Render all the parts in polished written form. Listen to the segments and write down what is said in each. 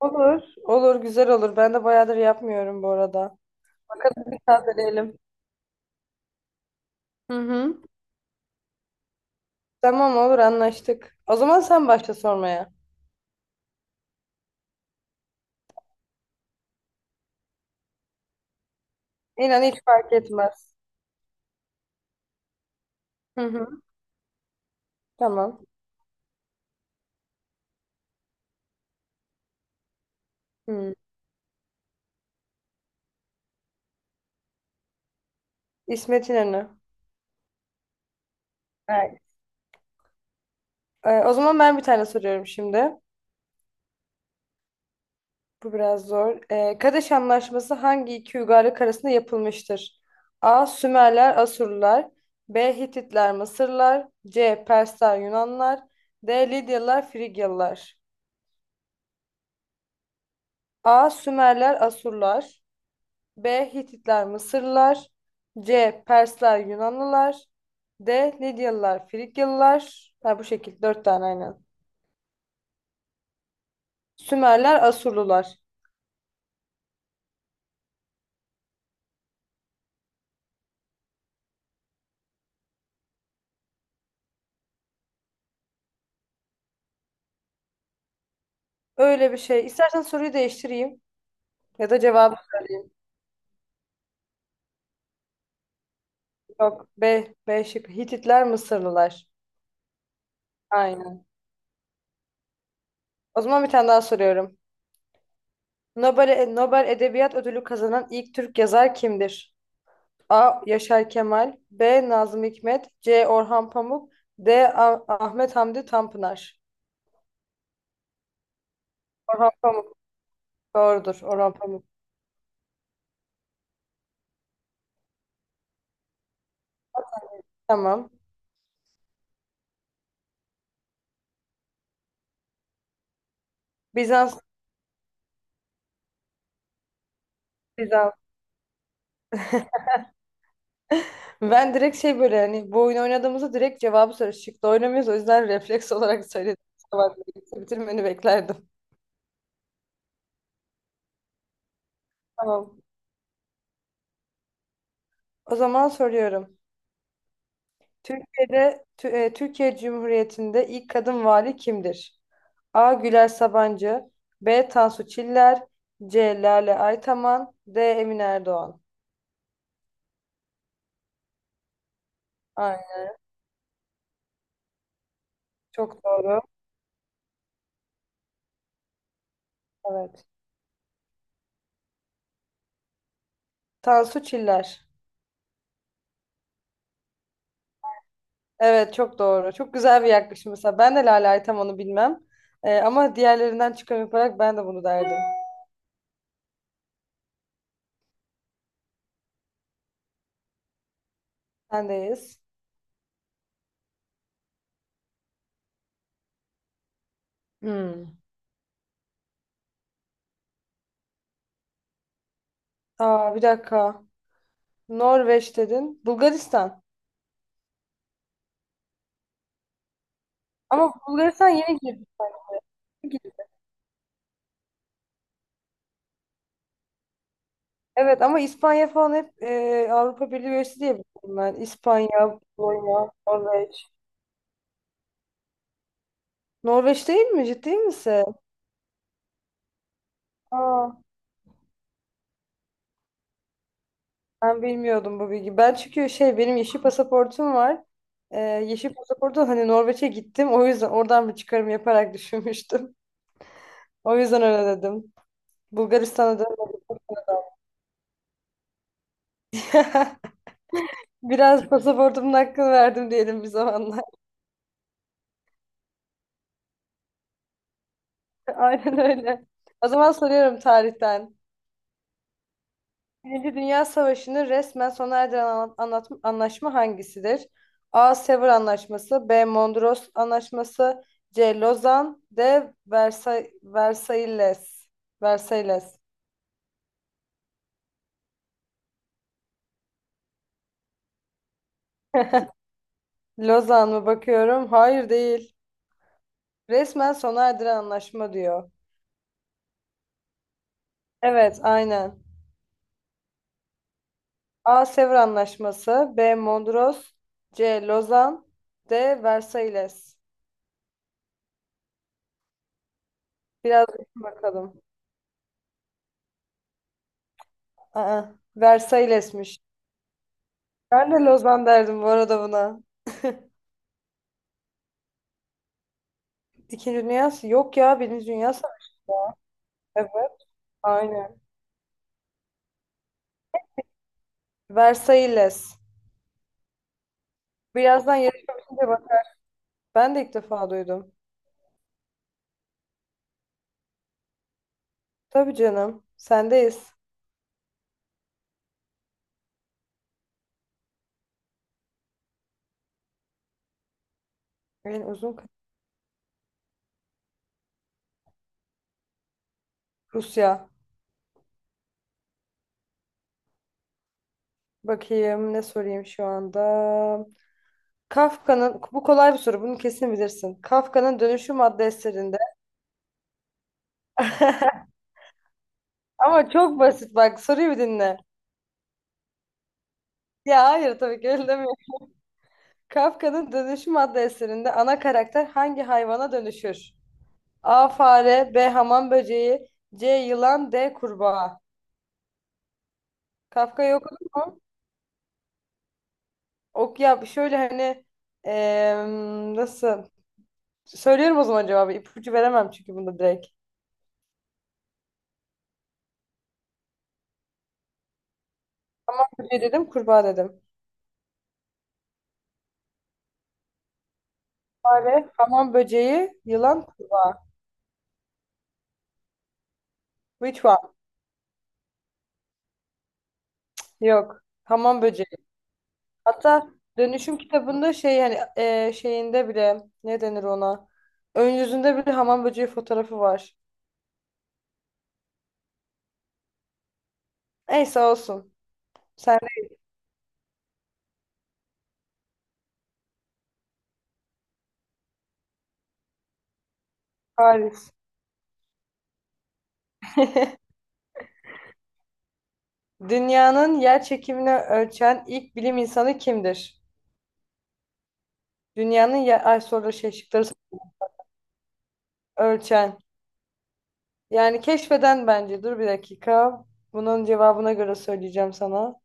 Olur, olur, güzel olur. Ben de bayağıdır yapmıyorum bu arada. Bakalım bir tazeleyelim. Hı hı. Tamam, olur, anlaştık. O zaman sen başla sormaya. İnan hiç fark etmez. Hı hı. Tamam. Hı. İsmet İnönü. Evet. O zaman ben bir tane soruyorum şimdi. Bu biraz zor. Kadeş Anlaşması hangi iki uygarlık arasında yapılmıştır? A. Sümerler, Asurlular. B. Hititler, Mısırlar. C. Persler, Yunanlar. D. Lidyalılar, Frigyalılar. A. Sümerler, Asurlar. B. Hititler, Mısırlılar. C. Persler, Yunanlılar. D. Lidyalılar, Frigyalılar. Ha, bu şekil. Dört tane aynen. Sümerler, Asurlular. Öyle bir şey. İstersen soruyu değiştireyim. Ya da cevabı söyleyeyim. Yok. B. B şıkkı. Hititler, Mısırlılar. Aynen. O zaman bir tane daha soruyorum. Nobel, Nobel Edebiyat Ödülü kazanan ilk Türk yazar kimdir? A. Yaşar Kemal. B. Nazım Hikmet. C. Orhan Pamuk. D. Ahmet Hamdi Tanpınar. Orhan Pamuk doğrudur, Orhan Pamuk. Tamam. Bizans. Bizans. Ben direkt şey, böyle hani bu oyunu oynadığımızda direkt cevabı soruyoruz, çıktı oynamıyoruz, o yüzden refleks olarak söyledim. Kusura bakma, bitirmeni beklerdim. Tamam, o zaman soruyorum. Türkiye'de Türkiye Cumhuriyeti'nde ilk kadın vali kimdir? A. Güler Sabancı. B. Tansu Çiller. C. Lale Aytaman. D. Emine Erdoğan. Aynen. Çok doğru. Evet. Tansu Çiller. Evet, çok doğru. Çok güzel bir yaklaşım mesela. Ben de Lale Aytaman'ı bilmem. Ama diğerlerinden çıkarım yaparak ben de bunu derdim. Sendeyiz. Hmm. Aa, bir dakika. Norveç dedin. Bulgaristan. Ama Bulgaristan yeni girdi sanki. Evet, ama İspanya falan hep Avrupa Birliği üyesi diye biliyorum ben. İspanya, Polonya, Norveç. Norveç değil mi? Ciddi misin? Aa, ben bilmiyordum bu bilgi. Ben çünkü şey, benim yeşil pasaportum var. Yeşil pasaportu, hani Norveç'e gittim. O yüzden oradan bir çıkarım yaparak düşünmüştüm. O yüzden öyle dedim. Bulgaristan'a da biraz pasaportumun hakkını verdim diyelim bir zamanlar. Aynen öyle. O zaman soruyorum tarihten. Birinci Dünya Savaşı'nı resmen sona erdiren anlaşma hangisidir? A. Sevr Anlaşması. B. Mondros Anlaşması. C. Lozan. D. Versailles. Versailles. Lozan mı bakıyorum? Hayır, değil. Resmen sona erdiren anlaşma diyor. Evet, aynen. A. Sevr Anlaşması. B. Mondros. C. Lozan. D. Versailles. Biraz düşün bakalım. Aa, Versailles'miş. Ben de Lozan derdim bu arada buna. Yok ya, Birinci Dünya Savaşı. Evet, aynen. Versailles. Birazdan yarışma bitince bakar. Ben de ilk defa duydum. Tabii canım. Sendeyiz. En uzun kı- Rusya. Bakayım ne sorayım şu anda. Bu kolay bir soru. Bunu kesin bilirsin. Kafka'nın Dönüşüm adlı eserinde. Ama çok basit, bak soruyu bir dinle. Ya hayır, tabii ki öyle demiyorum. Kafka'nın Dönüşüm adlı eserinde ana karakter hangi hayvana dönüşür? A fare, B hamam böceği, C yılan, D kurbağa. Kafka'yı okudun mu? Ok ya, şöyle hani, nasıl? Söylüyorum o zaman cevabı. İpucu veremem, çünkü bunu direkt. Böceği dedim, kurbağa dedim. Fare, hamam böceği, yılan. Which one? Yok. Hamam böceği. Hatta dönüşüm kitabında şey hani, şeyinde bile, ne denir ona? Ön yüzünde bile hamam böceği fotoğrafı var. Neyse, olsun. Sen de Paris. Dünyanın yer çekimini ölçen ilk bilim insanı kimdir? Dünyanın yer... Ay soru şey şıkları ölçen. Yani keşfeden bence. Dur bir dakika. Bunun cevabına göre söyleyeceğim sana.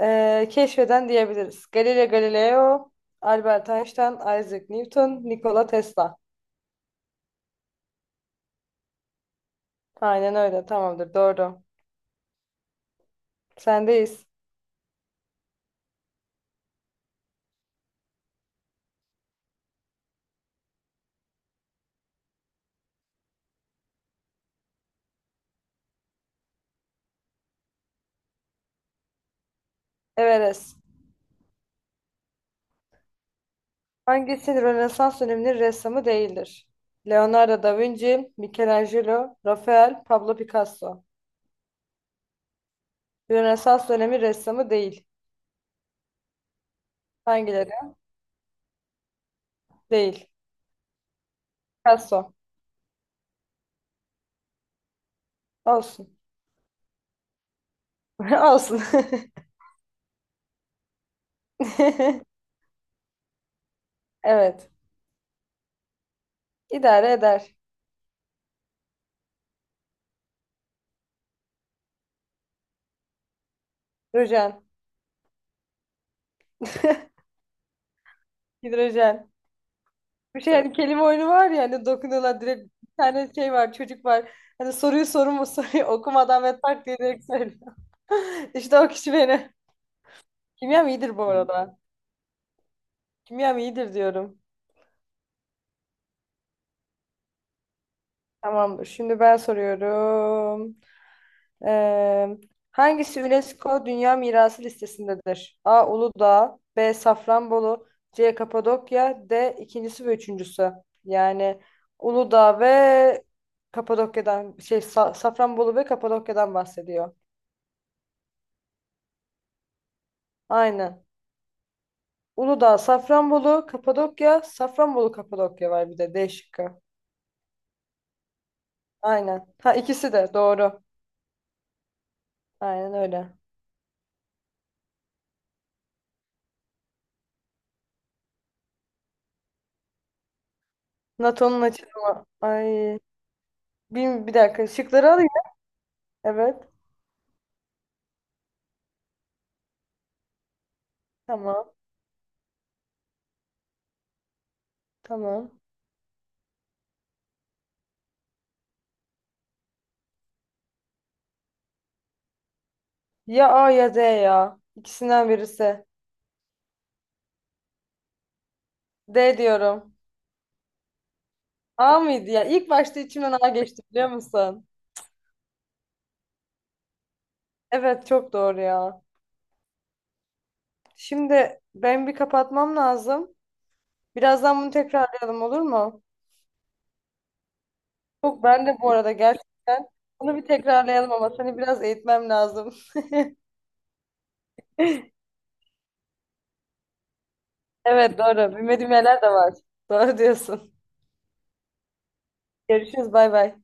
Keşfeden diyebiliriz. Galileo Galileo, Albert Einstein, Isaac Newton, Nikola Tesla. Aynen öyle. Tamamdır. Doğru. Sendeyiz. Everest. Hangisi Rönesans döneminin ressamı değildir? Leonardo da Vinci, Michelangelo, Rafael, Pablo Picasso. Rönesans dönemi ressamı değil. Hangileri? Değil. Picasso. Olsun. Olsun. Evet. İdare eder. Hidrojen. Hidrojen. Bir şey, hani kelime oyunu var ya, hani dokunuyorlar direkt, bir tane şey var, çocuk var. Hani soruyu okumadan ve tak diye direkt söylüyor. İşte o kişi beni. Kimyam iyidir bu arada. Kimyam iyidir diyorum. Tamamdır. Şimdi ben soruyorum. Ee, Hangisi UNESCO Dünya Mirası listesindedir? A. Uludağ, B. Safranbolu, C. Kapadokya, D. ikincisi ve üçüncüsü. Yani Uludağ ve Kapadokya'dan şey, Safranbolu ve Kapadokya'dan bahsediyor. Aynen. Uludağ, Safranbolu, Kapadokya, Safranbolu, Kapadokya, var bir de D şıkkı. Aynen. Ha, ikisi de doğru. Aynen öyle. NATO'nun açılımı. Ay. Bir dakika, şıkları alayım. Evet. Tamam. Tamam. Ya A ya D ya. İkisinden birisi. D diyorum. A mıydı ya? İlk başta içimden A geçti, biliyor musun? Evet, çok doğru ya. Şimdi ben bir kapatmam lazım. Birazdan bunu tekrarlayalım, olur mu? Yok, ben de bu arada gerçekten bunu bir tekrarlayalım, ama seni biraz eğitmem lazım. Evet, doğru. Bilmediğim yerler de var. Doğru diyorsun. Görüşürüz, bay bay.